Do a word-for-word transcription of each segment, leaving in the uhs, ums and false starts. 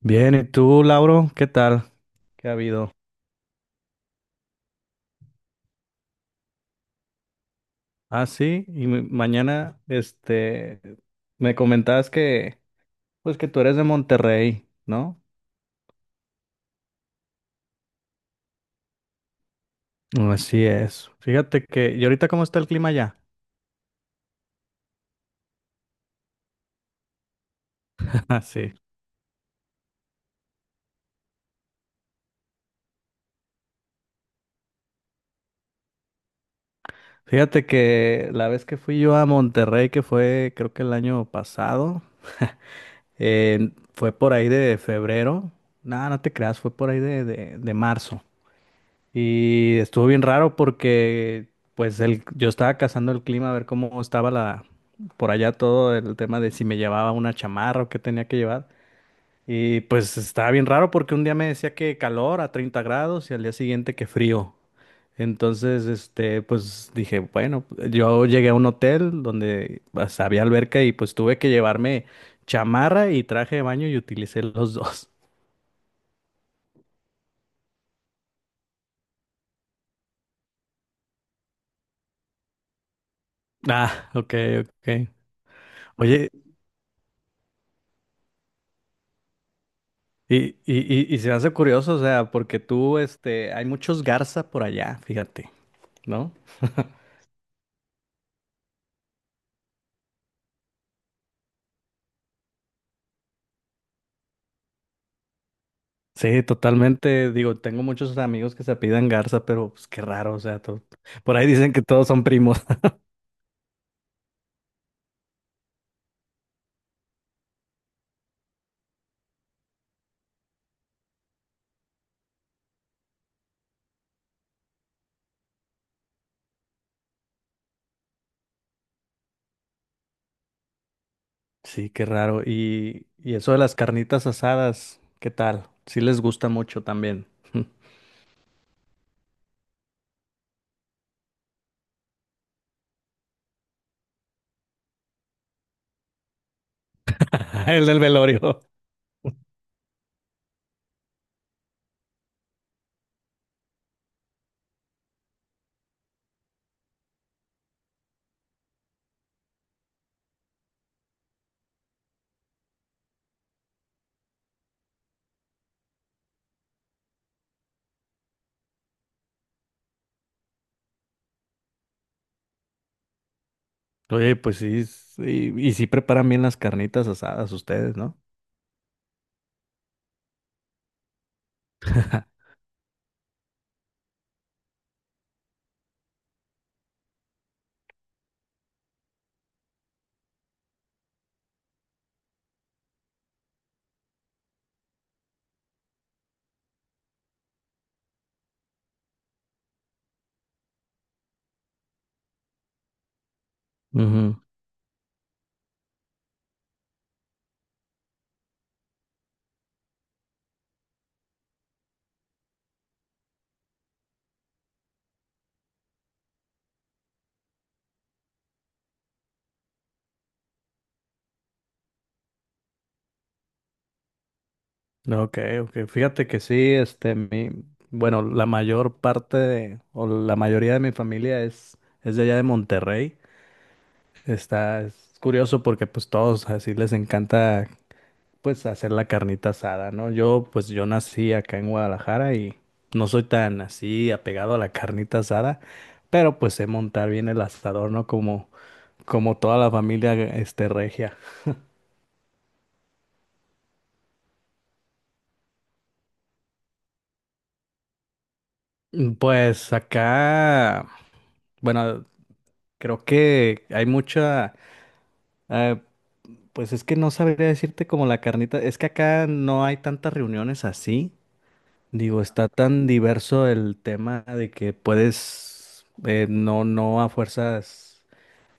Bien, ¿y tú, Lauro? ¿Qué tal? ¿Qué ha habido? Ah, sí, y ma- mañana, este, me comentabas que, pues que tú eres de Monterrey, ¿no? Así es. Fíjate que, ¿y ahorita cómo está el clima allá? Ah, sí. Fíjate que la vez que fui yo a Monterrey, que fue creo que el año pasado, eh, fue por ahí de febrero. No, no te creas, fue por ahí de, de, de marzo. Y estuvo bien raro porque pues el, yo estaba cazando el clima a ver cómo estaba la por allá todo el tema de si me llevaba una chamarra o qué tenía que llevar. Y pues estaba bien raro porque un día me decía que calor a treinta grados y al día siguiente que frío. Entonces, este, pues dije, bueno, yo llegué a un hotel donde pues, había alberca y pues tuve que llevarme chamarra y traje de baño y utilicé los dos. Ah, ok, ok. Oye, Y, y, y, y se me hace curioso, o sea, porque tú, este, hay muchos Garza por allá, fíjate, ¿no? Sí, totalmente, digo, tengo muchos amigos que se apidan Garza, pero pues qué raro, o sea, to- por ahí dicen que todos son primos. Sí, qué raro. Y, y eso de las carnitas asadas, ¿qué tal? Sí les gusta mucho también. El del velorio. Oye, pues sí, sí, y sí preparan bien las carnitas asadas ustedes, ¿no? Ujú. Ok, ok. Fíjate que sí, este, mi, bueno, la mayor parte de- o la mayoría de mi familia es, es de allá de Monterrey. Está, es curioso porque pues todos así les encanta pues hacer la carnita asada, ¿no? Yo pues yo nací acá en Guadalajara y no soy tan así apegado a la carnita asada, pero pues sé montar bien el asador, ¿no? Como, como toda la familia este regia. Mm, Pues acá, bueno, creo que hay mucha. Ah, pues es que no sabría decirte como la carnita. Es que acá no hay tantas reuniones así. Digo, está tan diverso el tema de que puedes, eh, no, no a fuerzas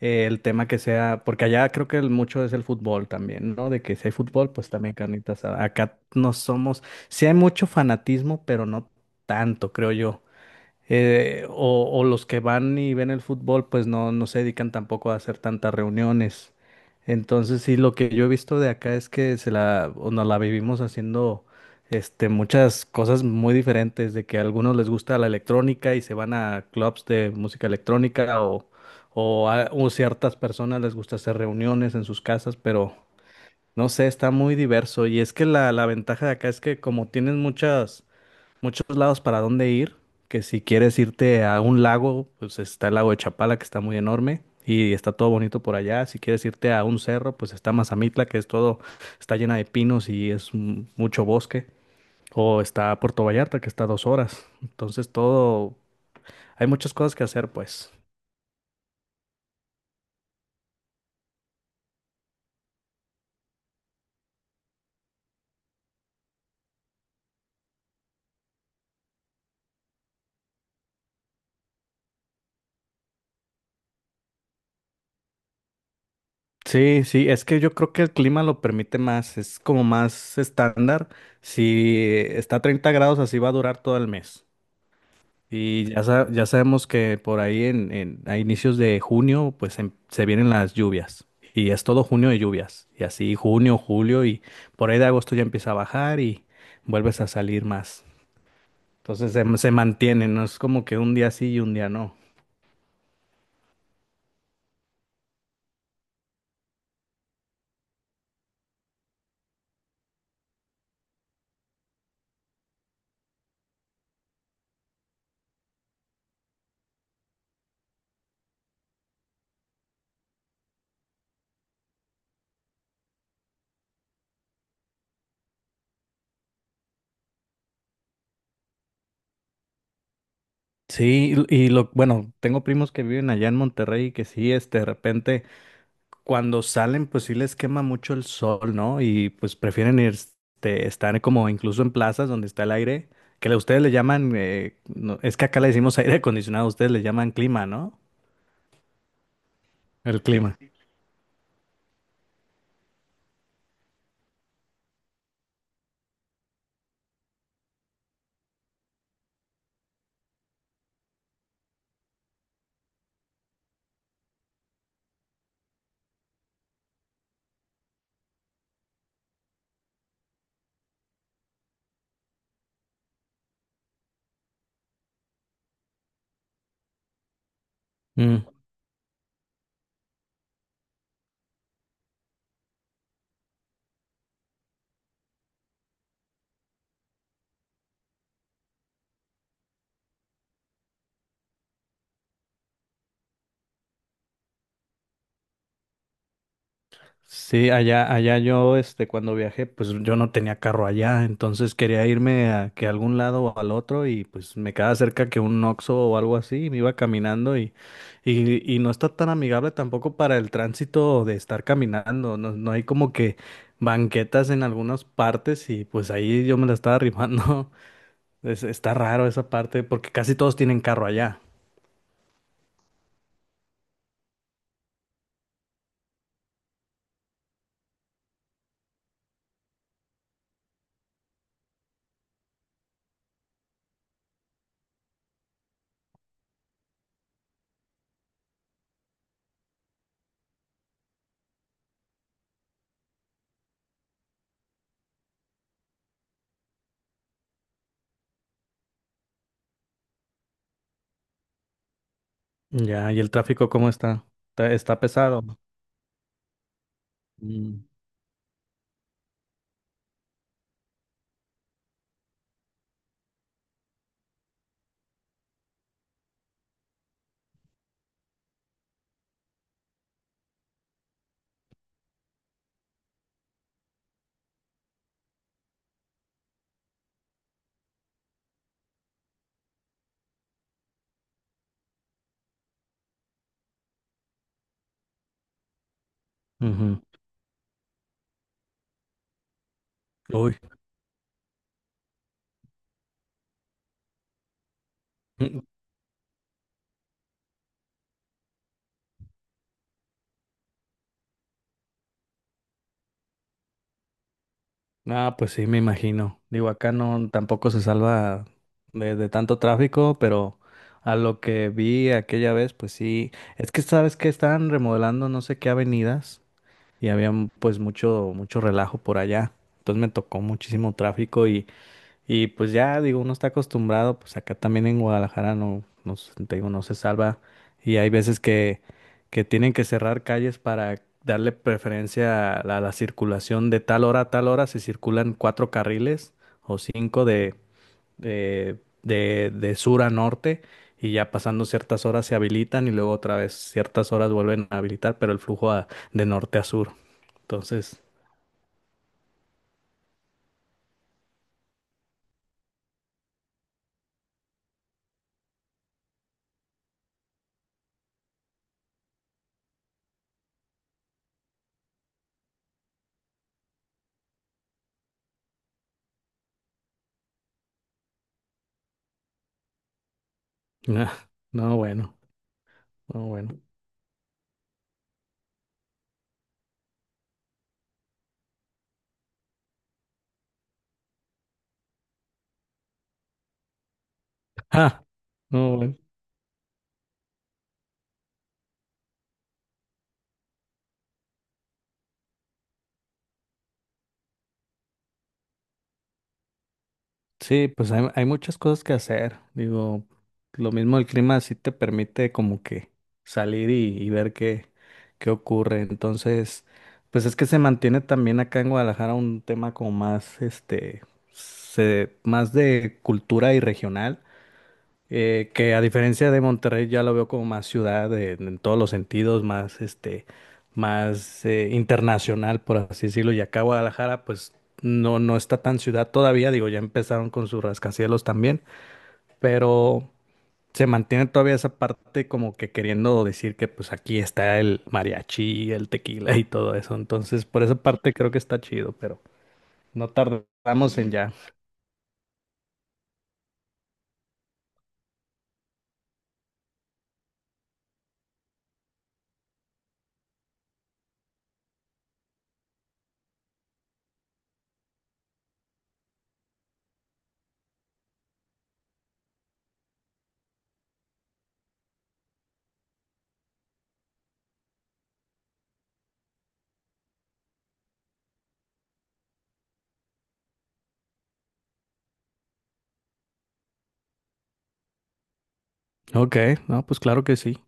eh, el tema que sea, porque allá creo que el mucho es el fútbol también, ¿no? De que si hay fútbol, pues también carnitas. Acá no somos, sí hay mucho fanatismo, pero no tanto, creo yo. Eh, o, o los que van y ven el fútbol, pues no, no se dedican tampoco a hacer tantas reuniones. Entonces, sí, lo que yo he visto de acá es que se la, o nos la vivimos haciendo este, muchas cosas muy diferentes, de que a algunos les gusta la electrónica y se van a clubs de música electrónica, o, o a o ciertas personas les gusta hacer reuniones en sus casas, pero no sé, está muy diverso. Y es que la, la ventaja de acá es que como tienes muchas muchos lados para dónde ir, que si quieres irte a un lago, pues está el lago de Chapala, que está muy enorme y está todo bonito por allá. Si quieres irte a un cerro, pues está Mazamitla, que es todo, está llena de pinos y es mm, mucho bosque. O está Puerto Vallarta, que está a dos horas. Entonces todo, hay muchas cosas que hacer, pues. Sí, sí, es que yo creo que el clima lo permite más, es como más estándar. Si está a treinta grados, así va a durar todo el mes. Y ya, sa- ya sabemos que por ahí en, en- a inicios de junio, pues em- se vienen las lluvias. Y es todo junio de lluvias. Y así junio, julio y por ahí de agosto ya empieza a bajar y vuelves a salir más. Entonces se, se mantiene, no es como que un día sí y un día no. Sí, y y lo, bueno, tengo primos que viven allá en Monterrey que sí, este, de repente. Cuando salen, pues sí les quema mucho el sol, ¿no? Y pues prefieren ir, este, estar como incluso en plazas donde está el aire, que le- ustedes le llaman, eh, no, es que acá le decimos aire acondicionado, ustedes le llaman clima, ¿no? El clima. Mm. Sí, allá, allá yo, este, cuando viajé, pues yo no tenía carro allá, entonces quería irme a que algún lado o al otro y pues me quedaba cerca que un Oxxo o algo así, me iba caminando y, y, y no está tan amigable tampoco para el tránsito de estar caminando, no, no hay como que banquetas en algunas partes y pues ahí yo me la estaba rifando. Es- está raro esa parte porque casi todos tienen carro allá. Ya, y el tráfico, ¿cómo está? Está, está pesado. Mm, ujú. Uy. Ah, pues sí, me imagino. Digo, acá no tampoco se salva de, de tanto tráfico, pero a lo que vi aquella vez, pues sí. Es que sabes que estaban remodelando no sé qué avenidas y había pues mucho, mucho relajo por allá. Entonces me tocó muchísimo tráfico y y pues ya, digo, uno está acostumbrado, pues acá también en Guadalajara no, no, se- te digo, no se salva. Y hay veces que, que tienen que cerrar calles para darle preferencia a la, a la circulación de tal hora a tal hora. Se circulan cuatro carriles o cinco de, de, de, de sur a norte y ya pasando ciertas horas se habilitan y luego otra vez ciertas horas vuelven a habilitar, pero el flujo a- de norte a sur. Entonces, no, bueno, no bueno. Ah, no bueno. Sí, pues hay, hay muchas cosas que hacer. Digo, lo mismo el clima sí te permite como que salir y, y ver qué, qué ocurre. Entonces, pues es que se mantiene también acá en Guadalajara un tema como más, este, se- más de cultura y regional eh, que a diferencia de Monterrey ya lo veo como más ciudad en, en todos los sentidos, más este, más eh, internacional, por así decirlo. Y acá Guadalajara, pues no, no está tan ciudad todavía, digo, ya empezaron con sus rascacielos también, pero se mantiene todavía esa parte como que queriendo decir que pues aquí está el mariachi, el tequila y todo eso. Entonces, por esa parte creo que está chido, pero no tardamos en ya. Ok, no, pues claro que sí.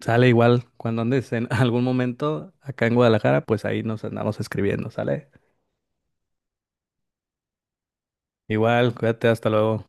Sale igual, cuando andes en algún momento acá en Guadalajara, pues ahí nos andamos escribiendo, ¿sale? Igual, cuídate, hasta luego.